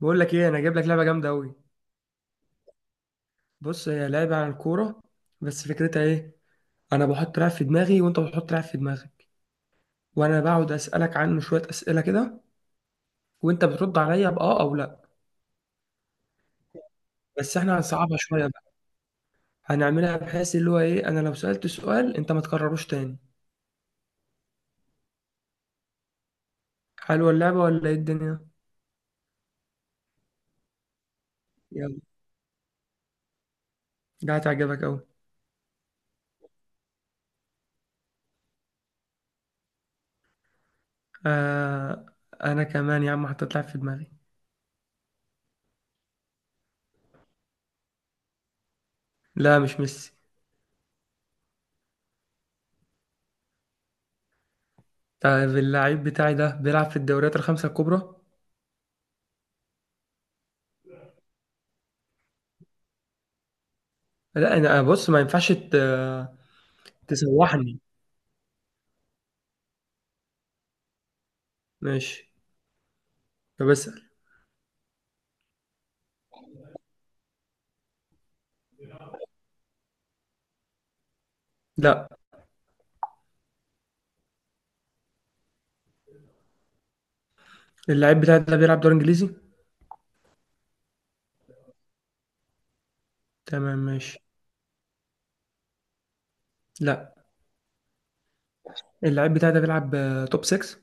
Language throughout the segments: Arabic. بقول لك ايه انا جايب لك لعبه جامده قوي. بص هي لعبه عن الكوره. بس فكرتها ايه؟ انا بحط لاعب في دماغي وانت بتحط لاعب في دماغك، وانا بقعد اسالك عنه شويه اسئله كده وانت بترد عليا باه او لا. بس احنا هنصعبها شويه بقى. هنعملها بحيث اللي هو ايه، انا لو سالت سؤال انت ما تكرروش تاني. حلوه اللعبه ولا ايه الدنيا؟ يلا، ده هتعجبك قوي. آه. انا كمان يا عم حطيت لاعب في دماغي. لا مش ميسي. طيب اللعيب بتاعي ده بيلعب في الدوريات الخمسه الكبرى. لا، انا بص ما ينفعش تسوحني. ماشي. طب اسأل. لا، اللعيب بتاعي ده بيلعب دوري انجليزي. تمام ماشي. لا، اللعيب بتاعي ده بيلعب توب 6.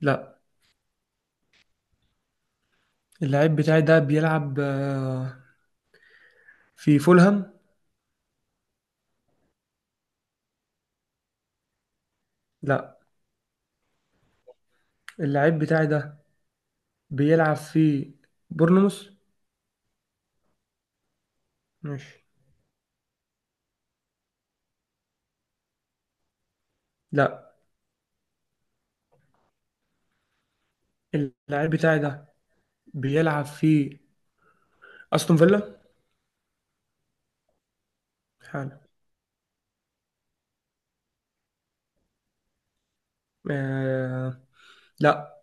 لا، اللعيب بتاعي ده بيلعب في فولهام. لا، اللعيب بتاعي ده بيلعب في بورنموث. ماشي. لا، اللعيب بتاعي ده بيلعب في استون فيلا. حلو. آه... لا،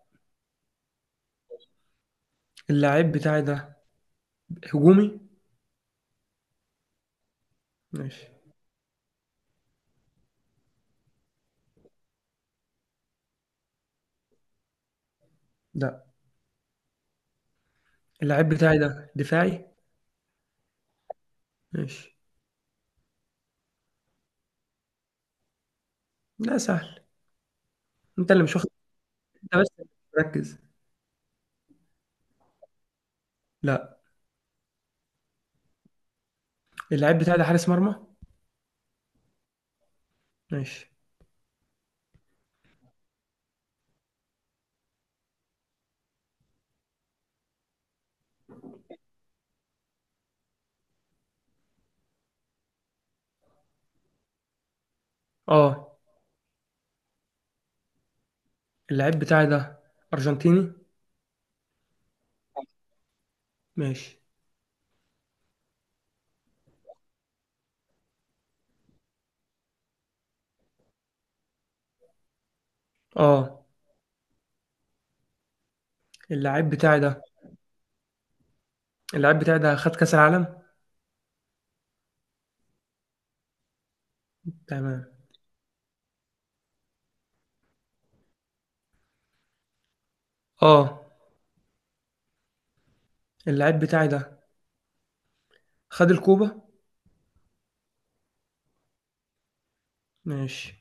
اللعيب بتاعي ده هجومي. ماشي. لا، اللعيب بتاعي ده دفاعي. ماشي. لا سهل. انت اللي مش واخد. انت بس ركز. لا، اللعيب بتاعي ده حارس مرمى. ماشي. اه، اللعيب بتاعي ده ارجنتيني. ماشي. اه، اللعيب بتاعي ده اللعيب بتاعي ده خد كاس العالم. تمام. اه، اللعيب بتاعي ده خد الكوبا. ماشي.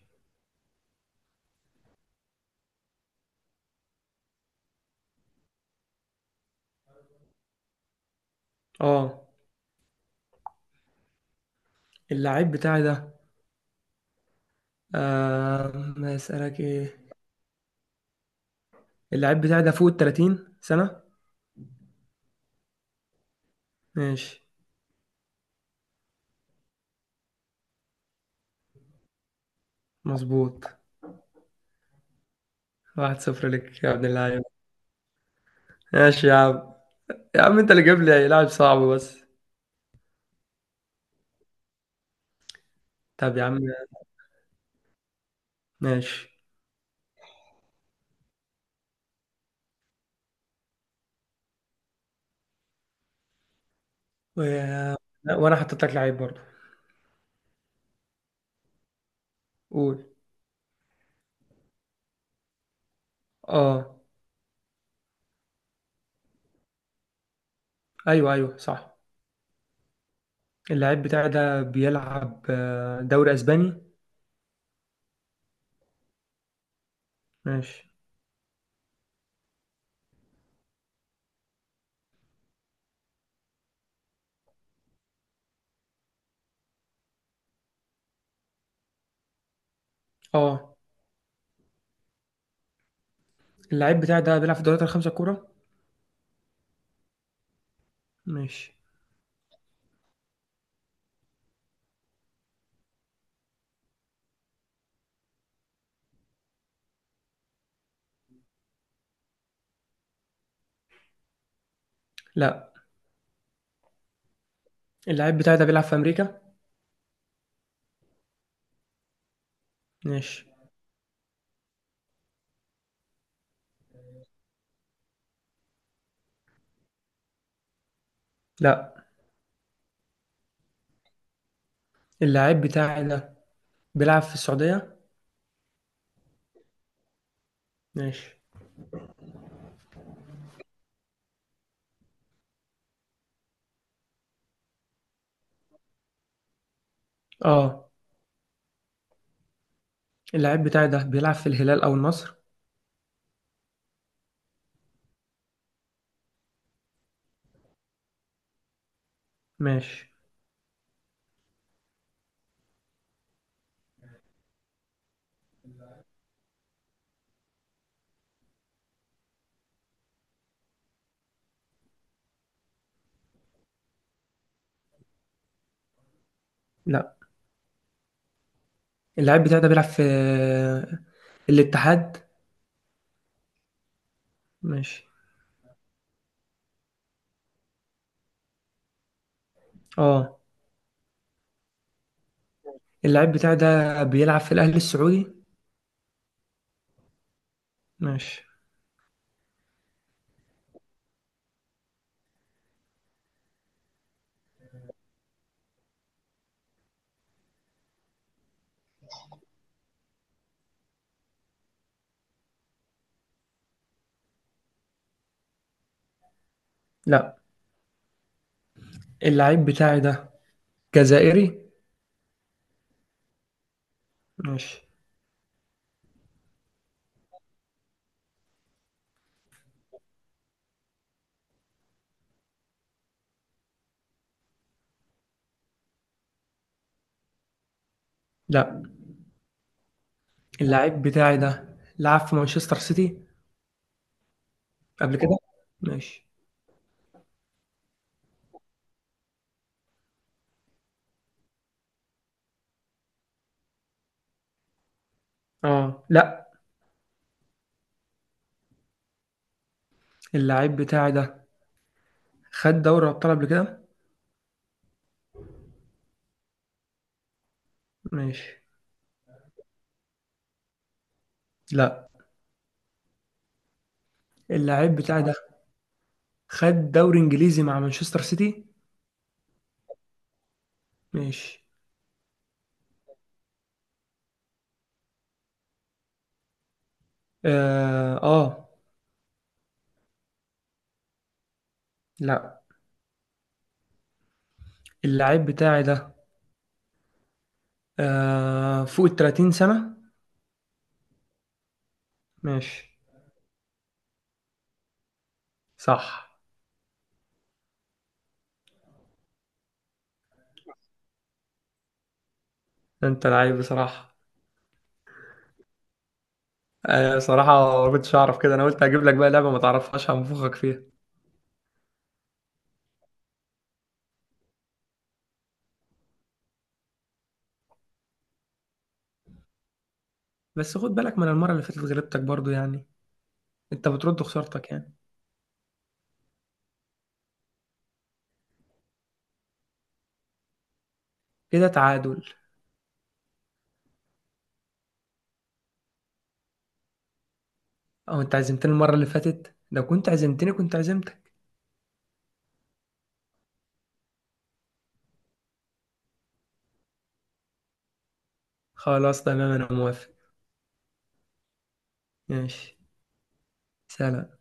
اه، اللعيب بتاعي ده آه ما اسالك ايه. اللعيب بتاعي ده فوق ال 30 سنة. ماشي. مظبوط. واحد صفر لك يا ابن اللعيب. ماشي يا عم. يا عم انت اللي جايب لي لاعب صعب بس. طب يا عم. ماشي. و... لا، وانا حطيت لك لعيب برضه. قول. اه، ايوه ايوه صح. اللعيب بتاعي ده بيلعب دوري اسباني. ماشي. اه، اللعيب بتاعي ده بيلعب في الدوريات الخمسة الكبرى. ماشي. لا، اللعيب بتاعي ده بيلعب في امريكا. ماشي. لا، اللعيب بتاعي ده بيلعب في السعودية. ماشي. اه، اللعيب بتاعي ده بيلعب في الهلال او النصر. ماشي. لا، اللعيب بتاعي ده بيلعب في الاتحاد. ماشي. اه، اللعيب بتاعي ده بيلعب في الأهلي السعودي. ماشي. لا، اللعيب بتاعي ده جزائري. ماشي. لا، اللعيب بتاعي ده لعب في مانشستر سيتي قبل كده. ماشي. اه، لا، اللعيب بتاعي ده خد دوري أبطال قبل كده. ماشي. لا، اللعيب بتاعي ده خد دوري إنجليزي مع مانشستر سيتي. ماشي. اه, آه. لا، اللعيب بتاعي ده فوق ال 30 سنة. ماشي. صح. ده انت لعيب بصراحة. صراحة ما كنتش أعرف كده. أنا قلت هجيب لك بقى لعبة ما تعرفهاش هنفخك فيها. بس خد بالك، ما أنا المرة اللي فاتت غلبتك برضو يعني. أنت بترد خسارتك يعني. كده تعادل. أو أنت عزمتني المرة اللي فاتت، لو كنت عزمتني كنت عزمتك. خلاص تمام أنا موافق. ماشي. سلام.